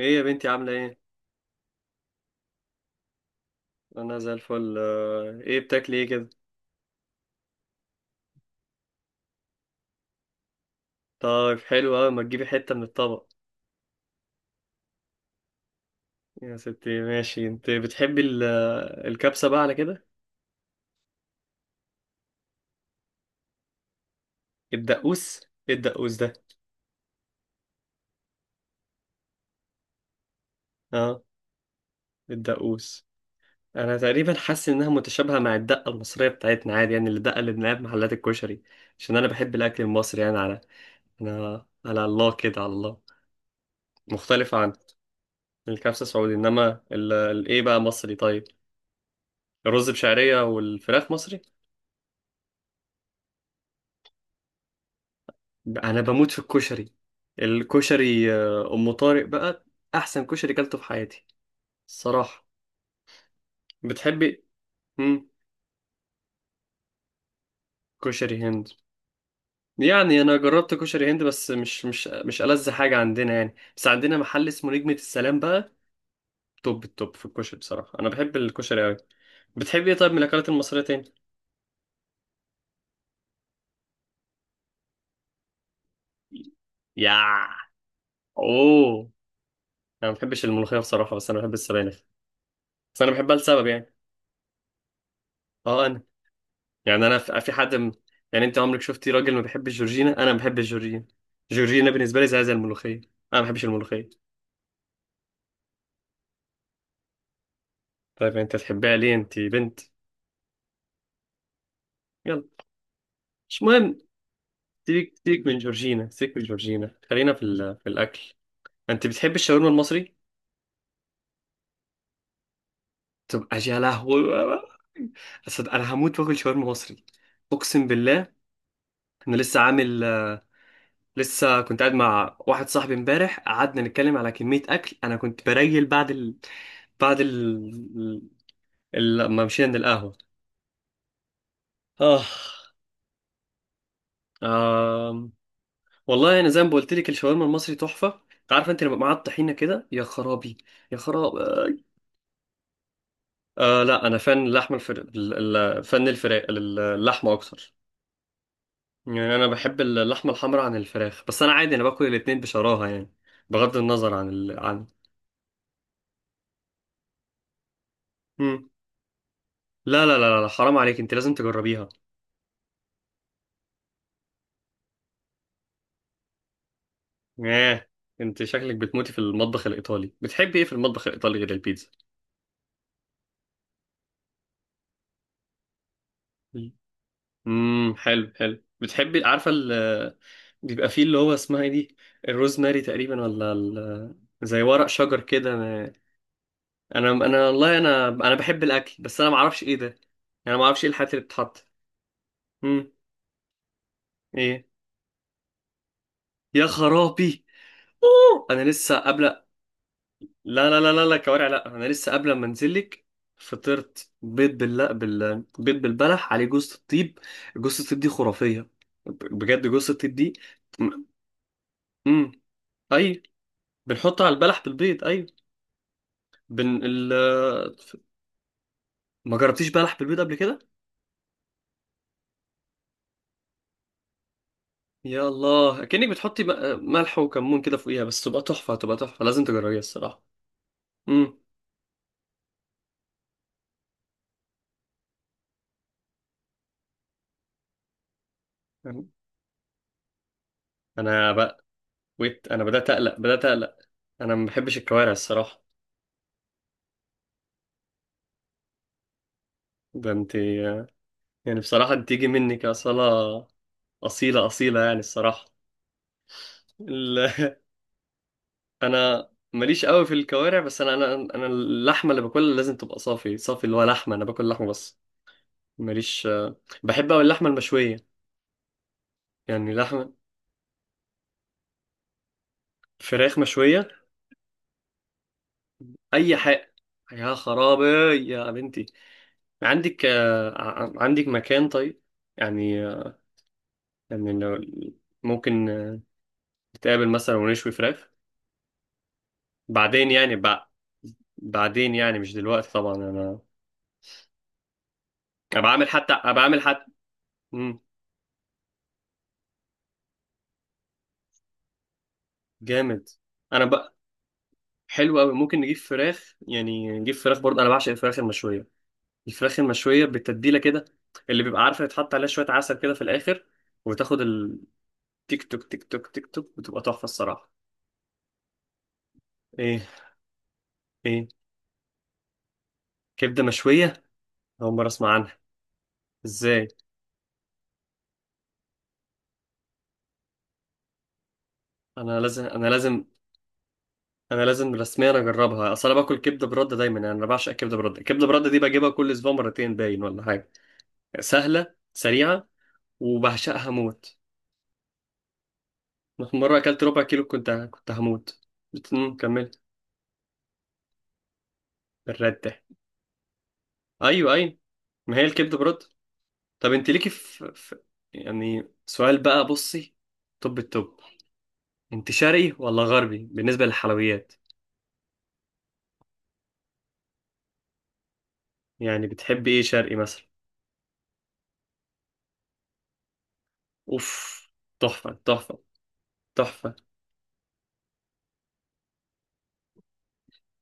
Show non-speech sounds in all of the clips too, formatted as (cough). ايه يا بنتي، عاملة ايه؟ انا زي الفل، ايه بتاكلي ايه كده؟ طيب حلو اوي، ما تجيبي حتة من الطبق. يا ستي ماشي، انت بتحبي الكبسة بقى على كده؟ الدقوس؟ ايه الدقوس ده؟ اه، الدقوس. انا تقريبا حاسس انها متشابهة مع الدقة المصرية بتاعتنا، عادي يعني الدقة اللي بنلاقيها في محلات الكشري. عشان انا بحب الاكل المصري يعني، على، انا على الله كده، على الله. مختلفة عن الكبسة السعودي، انما الايه بقى مصري؟ طيب، الرز بشعرية والفراخ مصري؟ انا بموت في الكشري. الكشري ام طارق بقى احسن كشري كلته في حياتي، الصراحه. بتحبي امم كشري هند. يعني انا جربت كشري هند، بس مش ألذ حاجه عندنا يعني، بس عندنا محل اسمه نجمه السلام بقى، توب التوب في الكشري بصراحه. انا بحب الكشري قوي. بتحبي ايه طيب من الاكلات المصريه تاني؟ يا. اوه. انا ما بحبش الملوخيه بصراحه، بس انا بحب السبانخ. بس انا بحبها لسبب يعني. اه، انا. يعني انا في حد يعني انت عمرك شفتي راجل ما بيحبش جورجينا؟ انا ما بحبش جورجينا. جورجينا بالنسبه لي زي الملوخيه. انا ما بحبش الملوخيه. طيب انت تحبها ليه؟ انت بنت. يلا. مش مهم. سيبك سيبك من جورجينا، سيبك من جورجينا، خلينا في في الاكل. انت بتحب الشاورما المصري؟ تبقى يا لهوي. أصل انا هموت واكل شاورما مصري، اقسم بالله. انا لسه عامل، لسه كنت قاعد مع واحد صاحبي امبارح، قعدنا نتكلم على كمية اكل. انا كنت بريل بعد بعد ال... لما مشينا القهوة. آه. آه. والله أنا زي ما قلت لك الشاورما المصري تحفة. عارفة أنت لما معاها الطحينة كده؟ يا خرابي، يا خرابي. آه، لا، أنا فن اللحمة فن الفراخ، اللحمة أكتر. يعني أنا بحب اللحمة الحمراء عن الفراخ، بس أنا عادي، أنا باكل الاتنين بشراهة يعني، بغض النظر عن عن. مم. لا لا لا لا، حرام عليك، أنت لازم تجربيها. آه. أنت شكلك بتموتي في المطبخ الإيطالي. بتحبي إيه في المطبخ الإيطالي غير البيتزا؟ حلو، حلو. بتحبي عارفه بيبقى فيه اللي هو اسمها ايه دي، الروزماري تقريبا، ولا زي ورق شجر كده؟ انا انا أنا والله انا بحب الاكل، بس انا ما اعرفش ايه ده يعني. انا ما اعرفش ايه الحاجات اللي بتتحط. امم ايه. يا خرابي. أوه! انا لسه قبل، لا. لا لا لا لا، كوارع لا. انا لسه قبل ما انزلك فطرت بيض بالبلح عليه جوز الطيب. جوز الطيب دي خرافيه، بجد جوز الطيب دي. امم. اي. بنحطه على البلح بالبيض، ايوه. بن ال... ما جربتيش بلح بالبيض قبل كده؟ يا الله، كأنك بتحطي ملح وكمون كده فوقيها، بس تبقى تحفه، تبقى تحفه، لازم تجربيها الصراحه. امم. انا بقى. ويت، انا بدات اقلق، بدات اقلق. انا ما بحبش الكوارع الصراحه. ده انت، يعني بصراحه انت تيجي منك اصاله، اصيله اصيله يعني الصراحه. ال... (laughs) انا ماليش قوي في الكوارع، بس انا اللحمه اللي باكلها لازم تبقى صافي صافي، اللي هو لحمه، انا باكل لحمه بس. ماليش. بحب أوي اللحمة المشوية. يعني لحمة، فراخ مشوية، أي حاجة. يا خرابي، يا بنتي. عندك مكان طيب؟ يعني يعني لو ممكن نتقابل مثلا ونشوي فراخ. بعدين يعني بعدين يعني مش دلوقتي طبعا. أنا أنا بعمل حتى، مم. جامد. أنا بقى. حلو أوي ممكن نجيب فراخ برضه. أنا بعشق الفراخ المشوية، الفراخ المشوية بالتتبيلة كده، اللي بيبقى عارفة يتحط عليها شوية عسل كده في الآخر، وتاخد التيك، توك تيك توك تيك توك، وتبقى تحفة الصراحة. إيه. إيه. كبدة مشوية؟ أول مرة أسمع عنها. إزاي؟ أنا لازم. أنا لازم رسميا أجربها، أصل أنا باكل كبدة برده دايما، يعني أنا بعشق الكبدة برده. الكبدة برده دي بجيبها كل أسبوع مرتين باين ولا حاجة، سهلة سريعة، وبعشقها موت. مرة أكلت ربع كيلو، كنت هموت. كمل. الرد ده. أيوه أيوه، ما هي الكبدة برده. طب انت ليكي في يعني سؤال بقى، بصي. طب التوب، انت شرقي ولا غربي بالنسبة للحلويات؟ يعني بتحبي ايه شرقي مثلا؟ اوف، تحفة تحفة تحفة.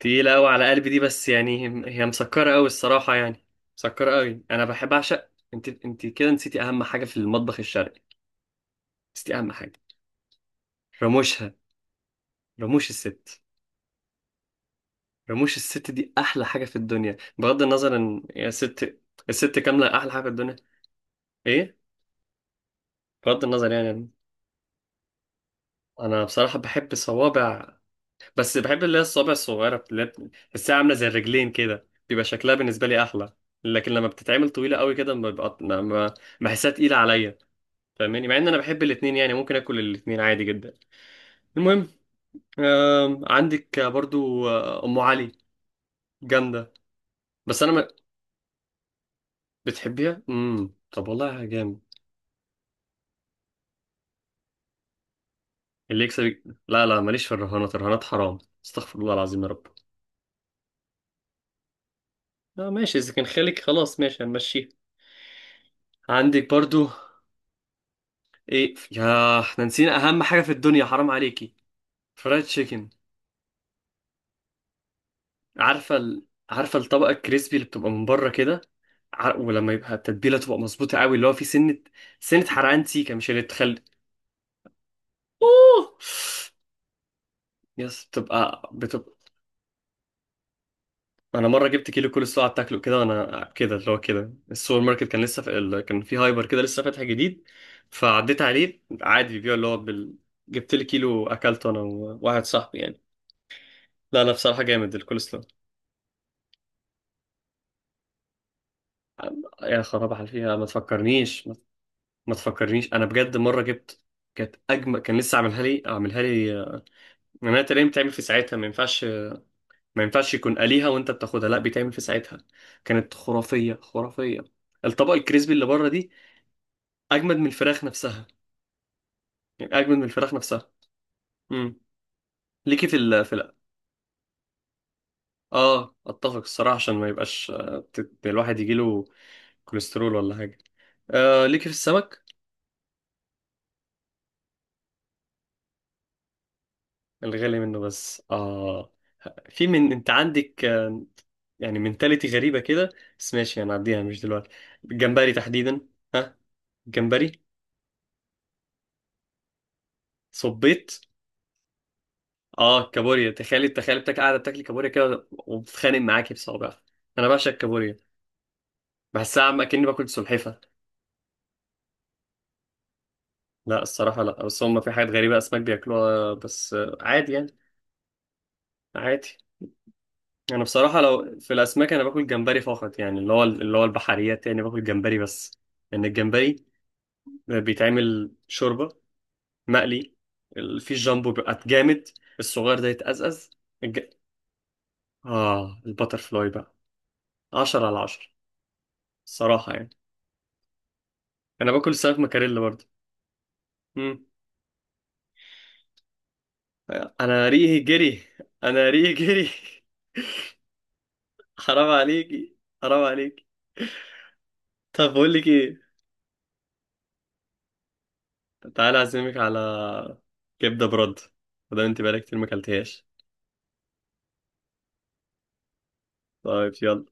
تقيلة قوي على قلبي دي، بس يعني هي مسكرة قوي الصراحة يعني، مسكرة قوي. انا بحب، اعشق. انت كده نسيتي اهم حاجة في المطبخ الشرقي، نسيتي اهم حاجة. رموشها، رموش الست. رموش الست دي احلى حاجة في الدنيا، بغض النظر ان يا ست، الست كاملة احلى حاجة في الدنيا. ايه؟ بغض النظر يعني. انا بصراحه بحب الصوابع، بس بحب اللي هي الصوابع الصغيره، اللي هي بتحسها عامله زي الرجلين كده، بيبقى شكلها بالنسبه لي احلى. لكن لما بتتعمل طويله قوي كده ما ببقى بحسها تقيله عليا. فاهماني؟ مع ان انا بحب الاتنين، يعني ممكن اكل الاتنين عادي جدا. المهم، عندك برضو ام علي، جامده. بس انا ما. بتحبيها؟ طب والله جامد. اللي يكسب، لا لا، ماليش في الرهانات، الرهانات حرام، استغفر الله العظيم يا رب. آه ماشي، اذا كان خالك خلاص ماشي، هنمشيها. عندك برضو ايه، ياه، احنا نسينا اهم حاجه في الدنيا، حرام عليكي. فرايد تشيكن. عارفه عارفه الطبقه الكريسبي اللي بتبقى من بره كده، ولما يبقى التتبيله تبقى مظبوطه قوي، اللي هو في سنه سنه حرقان سيكه، مش اللي تخلي. اوه، يس، بتبقى. انا مره جبت كيلو كولسلو قعدت اكله كده، وانا كده اللي هو كده، السوبر ماركت كان لسه في كان في هايبر كده لسه فاتح جديد، فعديت عليه عادي بيبيع اللي هو جبت لي كيلو، اكلته انا وواحد صاحبي يعني. لا لا، بصراحه جامد الكولسلو. يا خراب على فيها، ما تفكرنيش، ما تفكرنيش. انا بجد مره جبت، كانت اجمل، كان لسه عاملها لي. انا تقريبا بتعمل في ساعتها، ما ينفعش، ما ينفعش يكون قليها وانت بتاخدها، لا بيتعمل في ساعتها، كانت خرافيه خرافيه. الطبق الكريسبي اللي بره دي اجمد من الفراخ نفسها، يعني اجمد من الفراخ نفسها. امم. ليكي في ال في ال اه، اتفق الصراحه، عشان ما يبقاش الواحد يجيله كوليسترول ولا حاجه. آه، ليكي في السمك؟ الغالي منه بس، اه. في، من انت عندك يعني منتاليتي غريبة كده، بس ماشي هنعديها مش دلوقتي. الجمبري تحديدا. ها. جمبري. صبيت. اه، كابوريا، تخيلي تخيلي بتاك قاعدة بتاكلي كابوريا كده وبتتخانق معاكي بصوابع. انا بعشق الكابوريا، بحسها عم اكني باكل سلحفة. لا الصراحة، لا، بس هم في حاجات غريبة اسماك بياكلوها، بس عادي يعني، عادي. انا بصراحة لو في الاسماك انا باكل جمبري فقط، يعني اللي هو البحريات، يعني باكل جمبري بس، لان يعني الجمبري بيتعمل شوربة، مقلي، في الجامبو بيبقى جامد، الصغير ده يتأزأز. الج... اه، البتر فلاي بقى 10/10 الصراحة يعني. انا باكل السمك مكاريلا برضه. مم. انا ريقي جري. انا ريقي جري. (laughs) حرام عليكي، حرام عليكي. طب بقول لك ايه، تعالى اعزمك على كبدة برد، وده انت بقالك كتير ما اكلتهاش. طيب يلا.